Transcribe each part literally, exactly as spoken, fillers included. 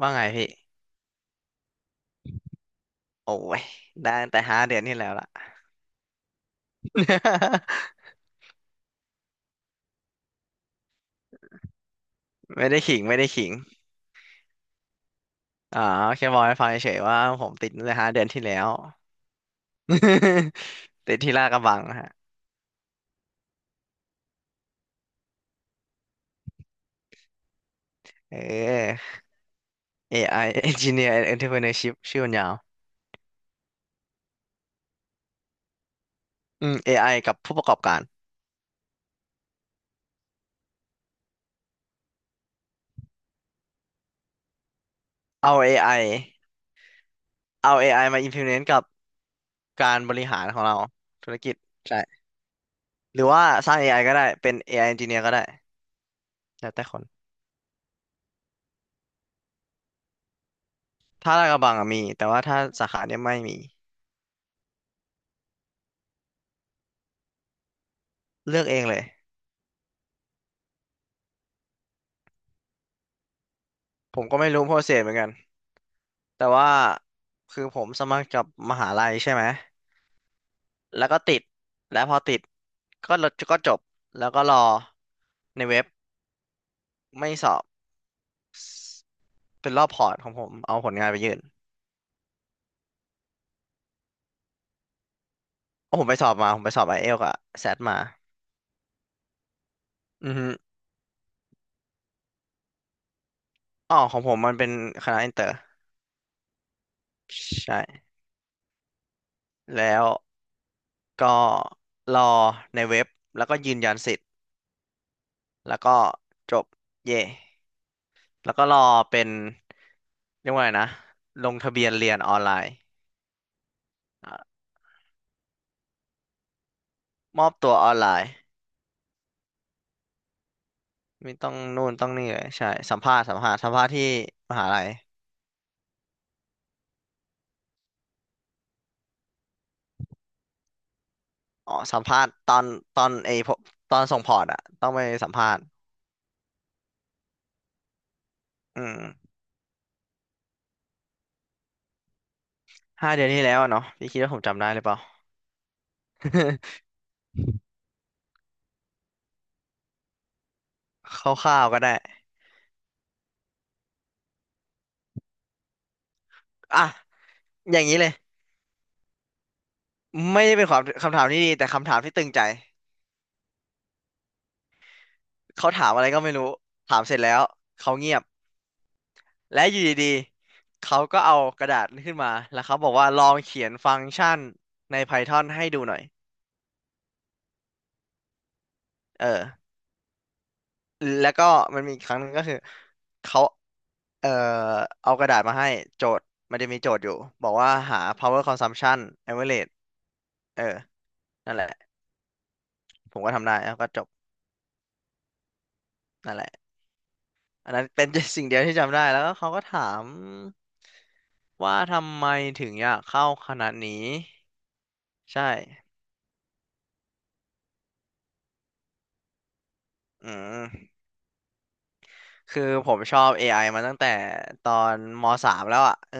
ว่าไงพี่ โอ้ยได้ตั้งแต่ห้าเดือนที่แล้วล่ะ ไม่ได้ขิงไม่ได้ขิงอ๋อแค่บอกให้ฟังเฉยๆว่าผมติดตั้งแต่ห้าเดือนที่แล้ว ติดที่ลาดกระบังฮะเออ เอ ไอ Engineer and Entrepreneurship ชื่อมันยาวอืม เอ ไอ กับผู้ประกอบการ เอา เอ ไอ เอา เอ ไอ มา implement กับการบริหารของเราธุรกิจ ใช่ หรือว่าสร้าง เอ ไอ ก็ได้ เป็น เอ ไอ Engineer ก็ได้แล้วแต่คนถ้าลาดกระบังอะมีแต่ว่าถ้าสาขาเนี่ยไม่มีเลือกเองเลย ผมก็ไม่รู้โปรเซสเหมือนกันแต่ว่าคือผมสมัครกับมหาลัยใช่ไหมแล้วก็ติดแล้วพอติดก็ลดก็จบแล้วก็รอในเว็บไม่สอบเป็นรอบพอร์ตของผมเอาผลงานไปยื่นโอ้ผมไปสอบมาผมไปสอบไอเอลกับแซดมาอือฮึอ๋อของผมมันเป็นคณะอินเตอร์ใช่แล้วก็รอในเว็บแล้วก็ยืนยันสิทธิ์แล้วก็จบเย่ แล้วก็รอเป็นเรียกว่าไงนะลงทะเบียนเรียนออนไลน์อ่ะมอบตัวออนไลน์ไม่ต้องนู่นต้องนี่เลยใช่สัมภาษณ์สัมภาษณ์สัมภาษณ์ที่มหาลัยอ๋อสัมภาษณ์ตอนตอนไอพกตอนส่งพอร์ตอะต้องไปสัมภาษณ์อืมห้าเดือนที่แล้วอะเนาะพี่คิดว่าผมจำได้หรือเปล่า คร่าวๆก็ได้อ่ะอย่างนี้เลยไม่ได้เป็นความคำถามที่ดีแต่คำถามที่ตึงใจเขาถามอะไรก็ไม่รู้ถามเสร็จแล้วเขาเงียบ และอยู่ดีๆเขาก็เอากระดาษขึ้นมาแล้วเขาบอกว่าลองเขียนฟังก์ชันใน ไพธอน ให้ดูหน่อย เออ แล้วก็มันมีอีกครั้งหนึงก็คือเขา เอ่อเอากระดาษมาให้โจทย์มันจะมีโจทย์อยู่บอกว่าหา power consumption average เออนั่นแหละผมก็ทำได้แล้วก็จบนั่นแหละอันนั้นเป็น สิ่งเดียวที่จำได้แล้วก็เขาก็ถามว่าทำไมถึงอยากเข้าคณะนี้ใช่อืม คือผมชอบ เอ ไอ มาตั้งแต่ตอนมสามแล้วอ่ะเออ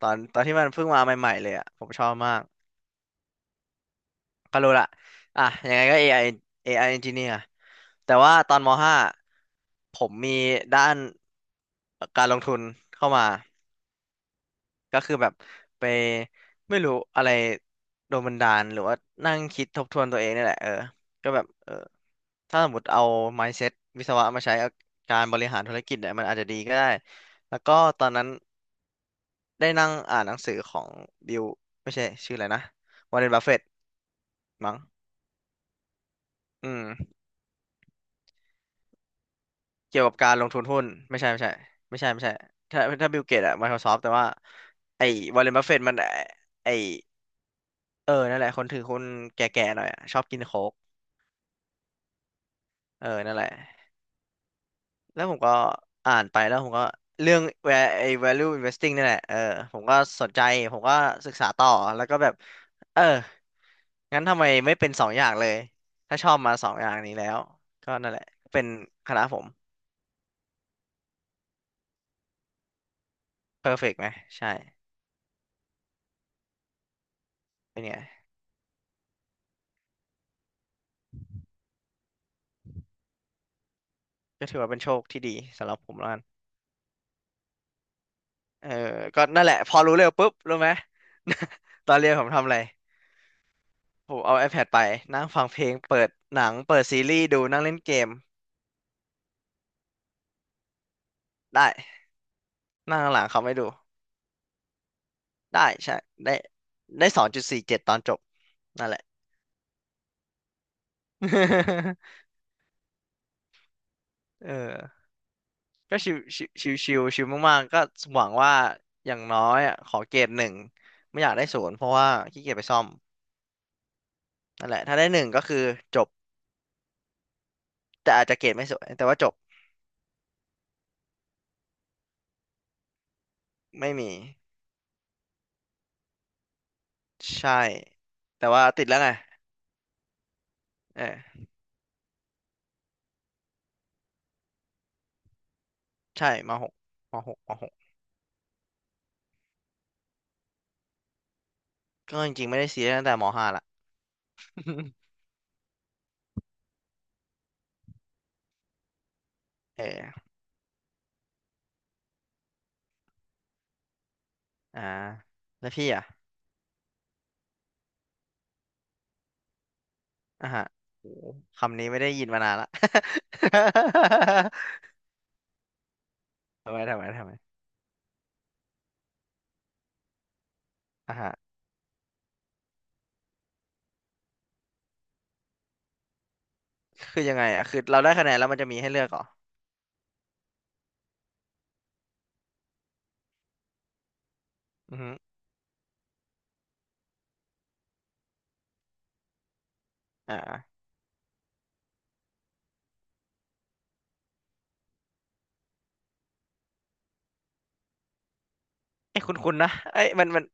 ตอนตอนที่มันเพิ่งมาใหม่ๆเลยอ่ะผมชอบมากก็รู้ละอ่ะยังไงก็ เอ ไอ เอ ไอ Engineer แต่ว่าตอนมห้าผมมีด้านการลงทุนเข้ามาก็คือแบบไปไม่รู้อะไรโดนบันดาลหรือว่านั่งคิดทบทวนตัวเองนี่แหละเออก็แบบเออถ้าสมมติเอา mindset วิศวะมาใช้กับการบริหารธุรกิจเนี่ยมันอาจจะดีก็ได้แล้วก็ตอนนั้น ได้นั่งอ่านหนังสือของบิลไม่ใช่ชื่ออะไรนะวอร์เรนบัฟเฟตมั้งอืมเกี่ยวกับการลงทุนหุ้นไม่ใช่ไม่ใช่ไม่ใช่ไม่ใช่ถ้าถ้าบิลเกตอะ ไมโครซอฟต์ แต่ว่าไอ้วอร์เรนบัฟเฟตมันไอ้ไอ้เออนั่นแหละคนถือหุ้นแก่ๆหน่อยอะชอบกินโค้กเออนั่นแหละ แล้วผมก็อ่านไปแล้วผมก็เรื่อง where ไอ้ value investing นี่แหละเออผมก็สนใจผมก็ศึกษาต่อแล้วก็แบบเอองั้นทำไมไม่เป็นสองอย่างเลยถ้าชอบมาสองอย่างนี้แล้วก็นั่นแหละเป็นคณะผม perfect ไหมใช่เป็นไงก็ถือว่าเป็นโชคที่ดีสำหรับผมแล้วกันเออก็นั่นแหละพอรู้เร็วปุ๊บรู้ไหม ตอนเรียนผมทำอะไรผมเอา ไอแพด ไปนั่งฟังเพลงเปิดหนังเปิดซีรีส์ดูนั่งเล่นเกมได้นั่งข้างหลังเขาไม่ดู ได้ใช่ได้ได้สองจุดสี่เจ็ดตอนจบนั่นแหละ เออก็ชิวชิวชิวชิวชิวมากๆก็หวังว่าอย่างน้อยอ่ะขอเกรดหนึ่งไม่อยากได้ศูนย์เพราะว่าขี้เกียจไปซ่อมนั่นแหละถ้าได้หนึ่งก็คือจบแต่อาจจะเกรดไม่สวยแต่ว่าจบไม่มีใช่แต่ว่าติดแล้วไงเออใช่มหกมหกมหกก็จริงๆไม่ได้ซีเรียสตั้งแต่มห้าละ เอออ่าแล้วพี่อ่ะ อ่ะฮะโอ้คำนี้ไม่ได้ยินมานานละ ทำไมทำไมทำไมอ่ะฮะคือยังไงอ่ะคือเราได้คะแนนแล้วมันจะมีให้เลือกเหรออือฮึอ่าเอ้ยคุ้นๆนะเอ้ยมันมัน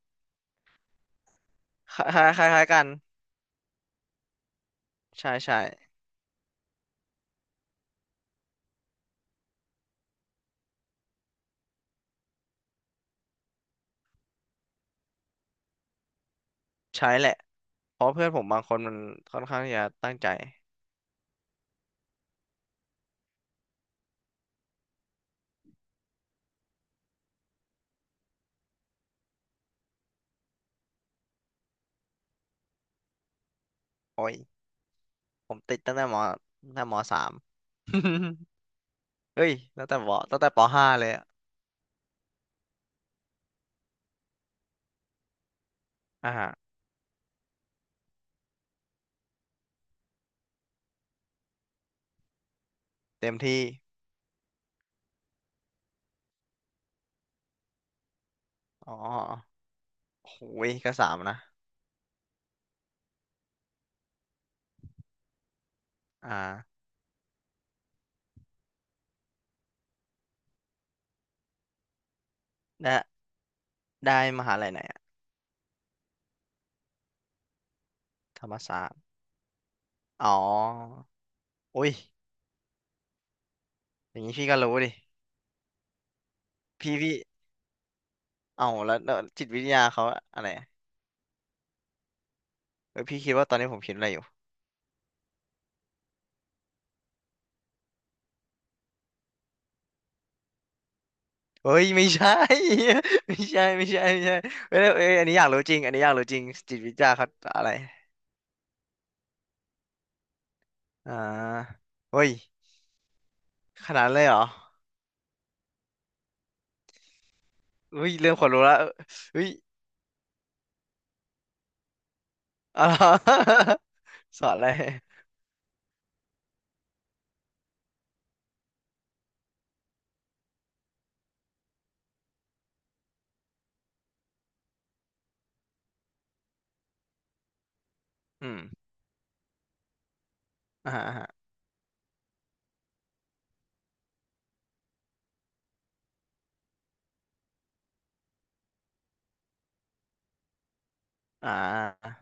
คล้ายคล้ายคล้ายกันใช่ใช่ใช่แหละเพราะเพื่อนผมบางคนมันค่อนข้างที่จะตั้งใจโอ้ยผมติดตั้งแต่มตั้งแต่มสาม เฮ้ยตั้งแต่มตั้งแต่ปห้าเลยอะอ่าฮะเต็มที่อ๋อโอ้ยก็สามนะอ่าได้ได้มหาลัยไหน ธรรมศาสตร์อ๋ออุ้ยอย่างนี้พี่ก็รู้ดิพี่พี่เอ้าแล้วแล้วจิตวิทยาเขาอะไรอะเออพี่คิดว่าตอนนี้ผมคิดอะไรอยู่เฮ้ยไม่ใช่ ไม่ใช่ไม่ใช่ไม่ใช่เอ้ยเอ้ยอันนี้อยากรู้จริงอันนี้อยากรู้จริงจิตวิทยาเขาอะไรอ่าเฮ้ยขนาดนั้นเลยเหรอเฮ้ยเริ่มขนลุกแล้วเฮ้ยอ๋อ สอนอะไรอืมอ่าฮะอ่า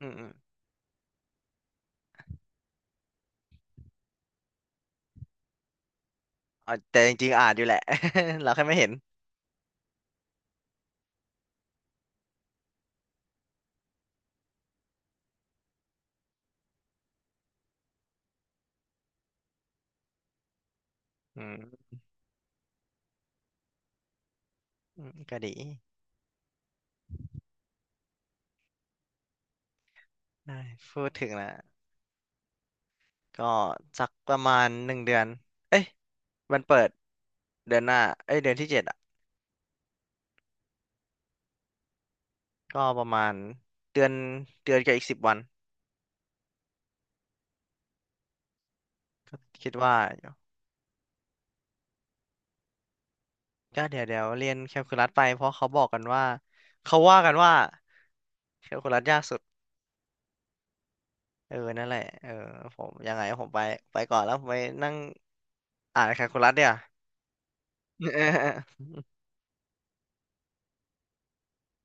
อืมอืมอ่าแต่จริงๆอ่านอยู่แหละ เราแค่ไม่เห็นอืมอืมก็ดี ได้พูดถึงแล้วก็สักประมาณหนึ่งเดือนเอ้ยมันเปิดเดือนหน้าเอ้ยเดือนที่เจ็ดอ่ะก็ประมาณเดือนเดือนกับอีกสิบวันคิดว่าก็เดี๋ยวเดี๋ยวเรียนแคลคูลัสไปเพราะเขาบอกกันว่าเขาว่ากันว่าแคลคูลัสยากสุดเออนั่นแหละเออผมยังไงผมไปไปก่อนแล้วผมไปนั่งอ่านแคลคูลัสเดี๋ยวา